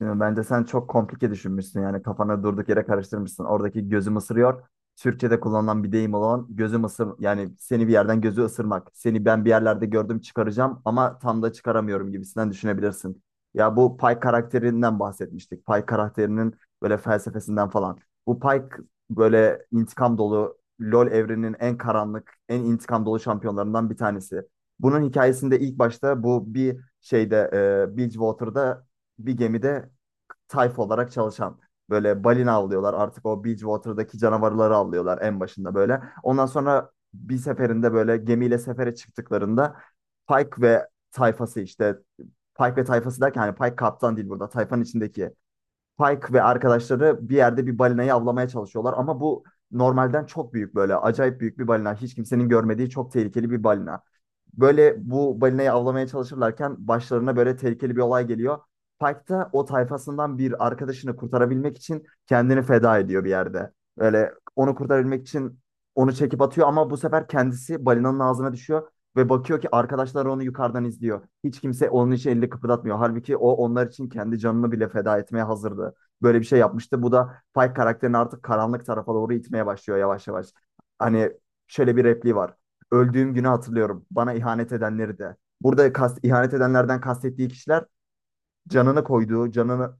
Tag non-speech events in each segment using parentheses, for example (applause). Değil mi? Bence sen çok komplike düşünmüşsün, yani kafana durduk yere karıştırmışsın. Oradaki gözüm ısırıyor. Türkçe'de kullanılan bir deyim olan gözüm ısır, yani seni bir yerden gözü ısırmak. Seni ben bir yerlerde gördüm, çıkaracağım ama tam da çıkaramıyorum gibisinden düşünebilirsin. Ya, bu Pay karakterinden bahsetmiştik. Pay karakterinin böyle felsefesinden falan. Bu Pay k- Böyle intikam dolu LoL evreninin en karanlık, en intikam dolu şampiyonlarından bir tanesi. Bunun hikayesinde ilk başta bu Bridgewater'da bir gemide tayfa olarak çalışan. Böyle balina avlıyorlar. Artık o Bridgewater'daki canavarları avlıyorlar en başında böyle. Ondan sonra bir seferinde böyle gemiyle sefere çıktıklarında Pike ve tayfası, Pike ve tayfası derken hani Pike kaptan değil burada. Tayfanın içindeki Pike ve arkadaşları bir yerde bir balinayı avlamaya çalışıyorlar ama bu normalden çok büyük, böyle acayip büyük bir balina. Hiç kimsenin görmediği çok tehlikeli bir balina. Böyle bu balinayı avlamaya çalışırlarken başlarına böyle tehlikeli bir olay geliyor. Pike da o tayfasından bir arkadaşını kurtarabilmek için kendini feda ediyor bir yerde. Böyle onu kurtarabilmek için onu çekip atıyor ama bu sefer kendisi balinanın ağzına düşüyor ve bakıyor ki arkadaşlar onu yukarıdan izliyor. Hiç kimse onun için elini kıpırdatmıyor. Halbuki o onlar için kendi canını bile feda etmeye hazırdı. Böyle bir şey yapmıştı. Bu da Pike karakterini artık karanlık tarafa doğru itmeye başlıyor yavaş yavaş. Hani şöyle bir repliği var. Öldüğüm günü hatırlıyorum. Bana ihanet edenleri de. Burada ihanet edenlerden kastettiği kişiler canını koyduğu, canını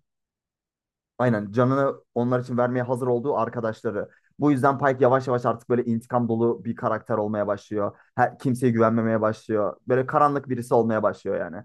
aynen canını onlar için vermeye hazır olduğu arkadaşları. Bu yüzden Pike yavaş yavaş artık böyle intikam dolu bir karakter olmaya başlıyor. Kimseye güvenmemeye başlıyor. Böyle karanlık birisi olmaya başlıyor yani.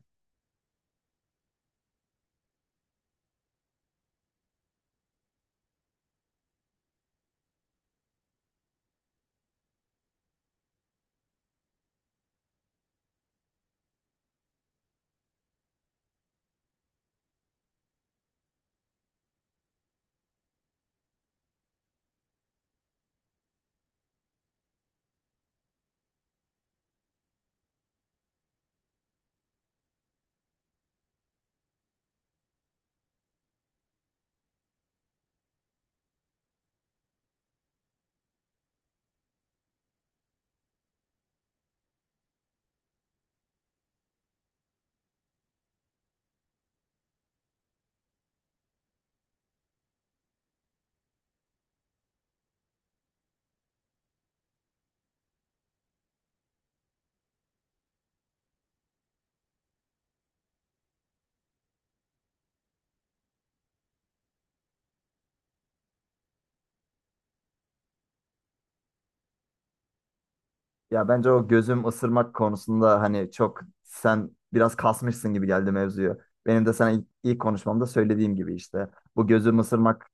Ya bence o gözüm ısırmak konusunda hani çok sen biraz kasmışsın gibi geldi mevzuyu. Benim de sana ilk konuşmamda söylediğim gibi işte. Bu gözüm ısırmak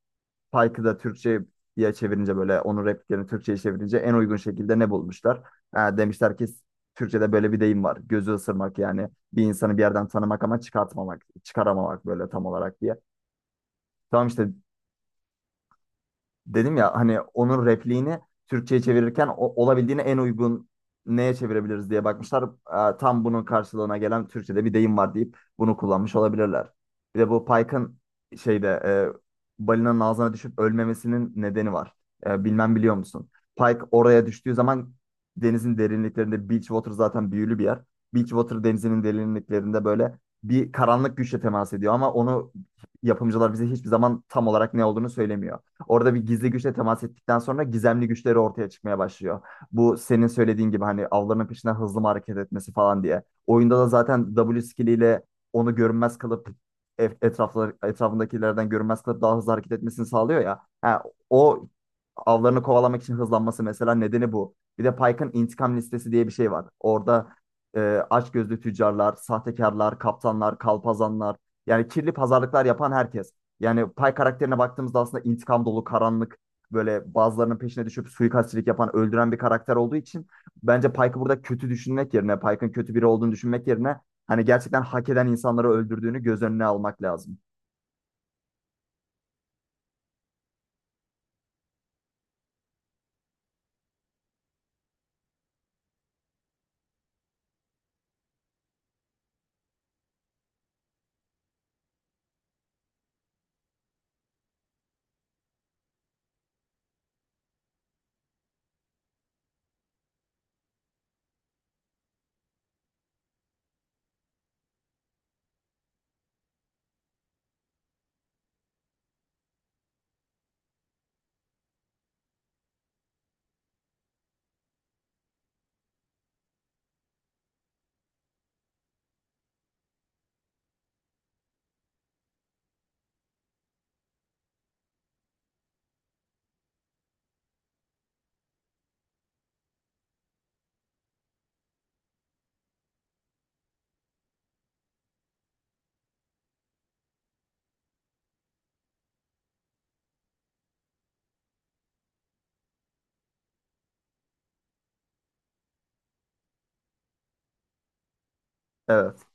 Pike'ı da Türkçe'ye çevirince, böyle onun repliklerini Türkçe'ye çevirince en uygun şekilde ne bulmuşlar? Ha, demişler ki Türkçe'de böyle bir deyim var. Gözü ısırmak, yani bir insanı bir yerden tanımak ama çıkartmamak, çıkaramamak böyle tam olarak diye. Tamam işte, dedim ya hani onun repliğini Türkçe'ye çevirirken olabildiğine en uygun neye çevirebiliriz diye bakmışlar. Tam bunun karşılığına gelen Türkçe'de bir deyim var deyip bunu kullanmış olabilirler. Bir de bu Pike'ın balinanın ağzına düşüp ölmemesinin nedeni var. Bilmem biliyor musun? Pike oraya düştüğü zaman denizin derinliklerinde Beachwater zaten büyülü bir yer. Beachwater denizinin derinliklerinde böyle bir karanlık güçle temas ediyor ama onu yapımcılar bize hiçbir zaman tam olarak ne olduğunu söylemiyor. Orada bir gizli güçle temas ettikten sonra gizemli güçleri ortaya çıkmaya başlıyor. Bu senin söylediğin gibi hani avlarının peşinden hızlı mı hareket etmesi falan diye. Oyunda da zaten W skilliyle onu görünmez kılıp etrafındakilerden görünmez kılıp daha hızlı hareket etmesini sağlıyor ya. Ha, o avlarını kovalamak için hızlanması mesela nedeni bu. Bir de Pike'ın intikam listesi diye bir şey var. Orada e, açgözlü tüccarlar, sahtekarlar, kaptanlar, kalpazanlar, yani kirli pazarlıklar yapan herkes, yani Pay karakterine baktığımızda aslında intikam dolu, karanlık, böyle bazılarının peşine düşüp suikastçilik yapan, öldüren bir karakter olduğu için bence Pike'ı burada kötü düşünmek yerine, Pike'ın kötü biri olduğunu düşünmek yerine hani gerçekten hak eden insanları öldürdüğünü göz önüne almak lazım. Evet.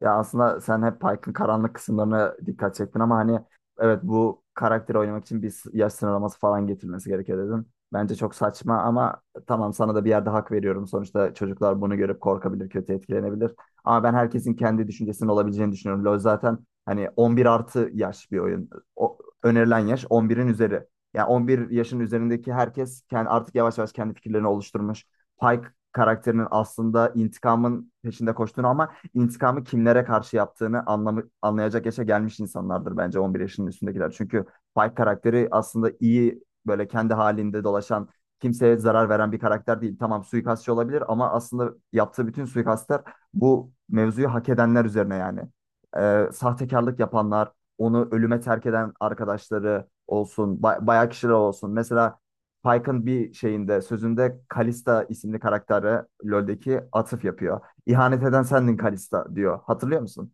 Ya aslında sen hep Pike'ın karanlık kısımlarına dikkat çektin ama hani evet, bu karakteri oynamak için yaş sınırlaması falan getirilmesi gerekiyor dedin. Bence çok saçma ama tamam, sana da bir yerde hak veriyorum. Sonuçta çocuklar bunu görüp korkabilir, kötü etkilenebilir. Ama ben herkesin kendi düşüncesinin olabileceğini düşünüyorum. LoL zaten hani 11 artı yaş bir oyun. O, Önerilen yaş 11'in üzeri. Yani 11 yaşın üzerindeki herkes kendi, artık yavaş yavaş kendi fikirlerini oluşturmuş. Pike karakterinin aslında intikamın peşinde koştuğunu ama intikamı kimlere karşı yaptığını anlayacak yaşa gelmiş insanlardır bence 11 yaşının üstündekiler. Çünkü Pike karakteri aslında iyi, böyle kendi halinde dolaşan, kimseye zarar veren bir karakter değil. Tamam, suikastçı olabilir ama aslında yaptığı bütün suikastlar bu mevzuyu hak edenler üzerine yani. Sahtekarlık yapanlar, onu ölüme terk eden arkadaşları olsun, bayağı kişiler olsun. Mesela Pike'ın bir şeyinde, sözünde Kalista isimli karakteri LoL'deki atıf yapıyor. İhanet eden sendin Kalista diyor. Hatırlıyor musun?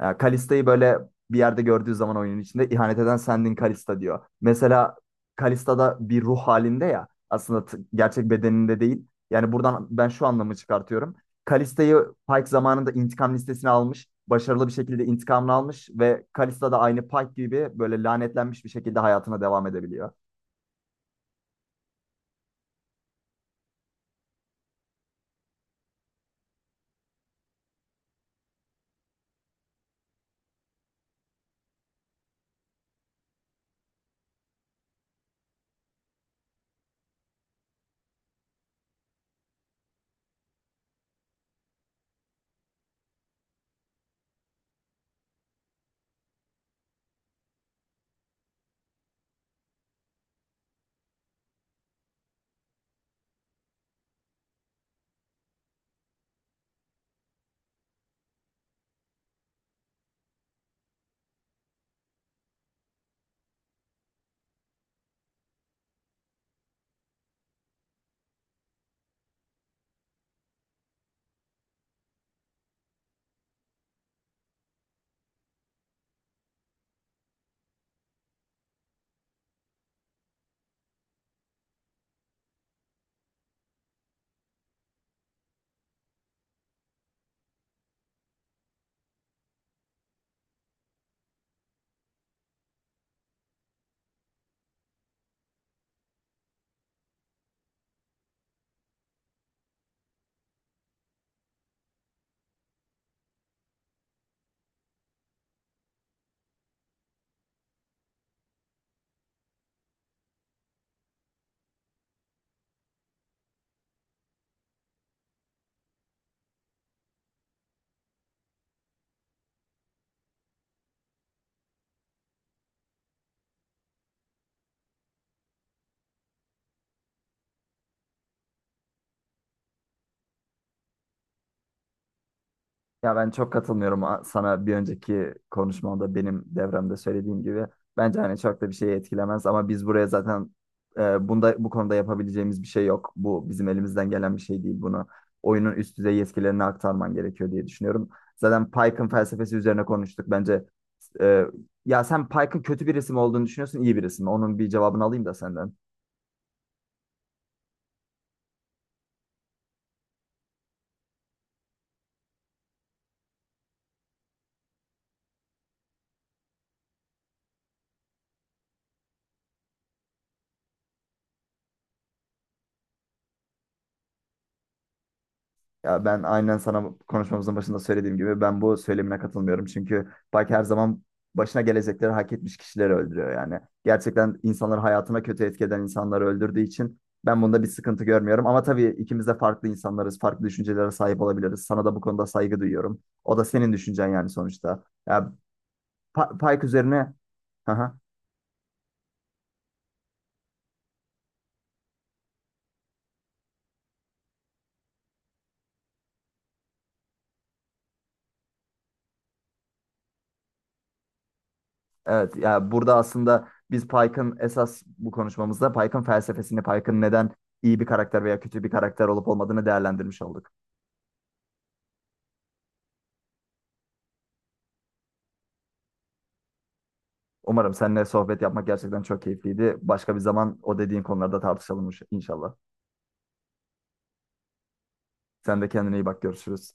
Yani Kalista'yı böyle bir yerde gördüğü zaman oyunun içinde ihanet eden sendin Kalista diyor. Mesela Kalista da bir ruh halinde ya, aslında gerçek bedeninde değil. Yani buradan ben şu anlamı çıkartıyorum. Kalista'yı Pike zamanında intikam listesine almış. Başarılı bir şekilde intikamını almış ve Kalista da aynı Pike gibi böyle lanetlenmiş bir şekilde hayatına devam edebiliyor. Ya ben çok katılmıyorum sana bir önceki konuşmamda benim devremde söylediğim gibi. Bence hani çok da bir şey etkilemez ama biz buraya zaten bunda, bu konuda yapabileceğimiz bir şey yok. Bu bizim elimizden gelen bir şey değil bunu. Oyunun üst düzey yetkilerini aktarman gerekiyor diye düşünüyorum. Zaten Pike'ın felsefesi üzerine konuştuk. E, Ya sen Pike'ın kötü bir isim olduğunu düşünüyorsun, iyi bir isim. Onun bir cevabını alayım da senden. Ya ben aynen sana konuşmamızın başında söylediğim gibi ben bu söylemine katılmıyorum. Çünkü Baki her zaman başına gelecekleri hak etmiş kişileri öldürüyor yani. Gerçekten insanları hayatına kötü etki eden insanları öldürdüğü için ben bunda bir sıkıntı görmüyorum. Ama tabii ikimiz de farklı insanlarız, farklı düşüncelere sahip olabiliriz. Sana da bu konuda saygı duyuyorum. O da senin düşüncen yani sonuçta. Ya Pike üzerine... (laughs) Evet ya, burada aslında biz Pike'ın, esas bu konuşmamızda Pike'ın felsefesini, Pike'ın neden iyi bir karakter veya kötü bir karakter olup olmadığını değerlendirmiş olduk. Umarım seninle sohbet yapmak gerçekten çok keyifliydi. Başka bir zaman o dediğin konularda tartışalım inşallah. Sen de kendine iyi bak, görüşürüz.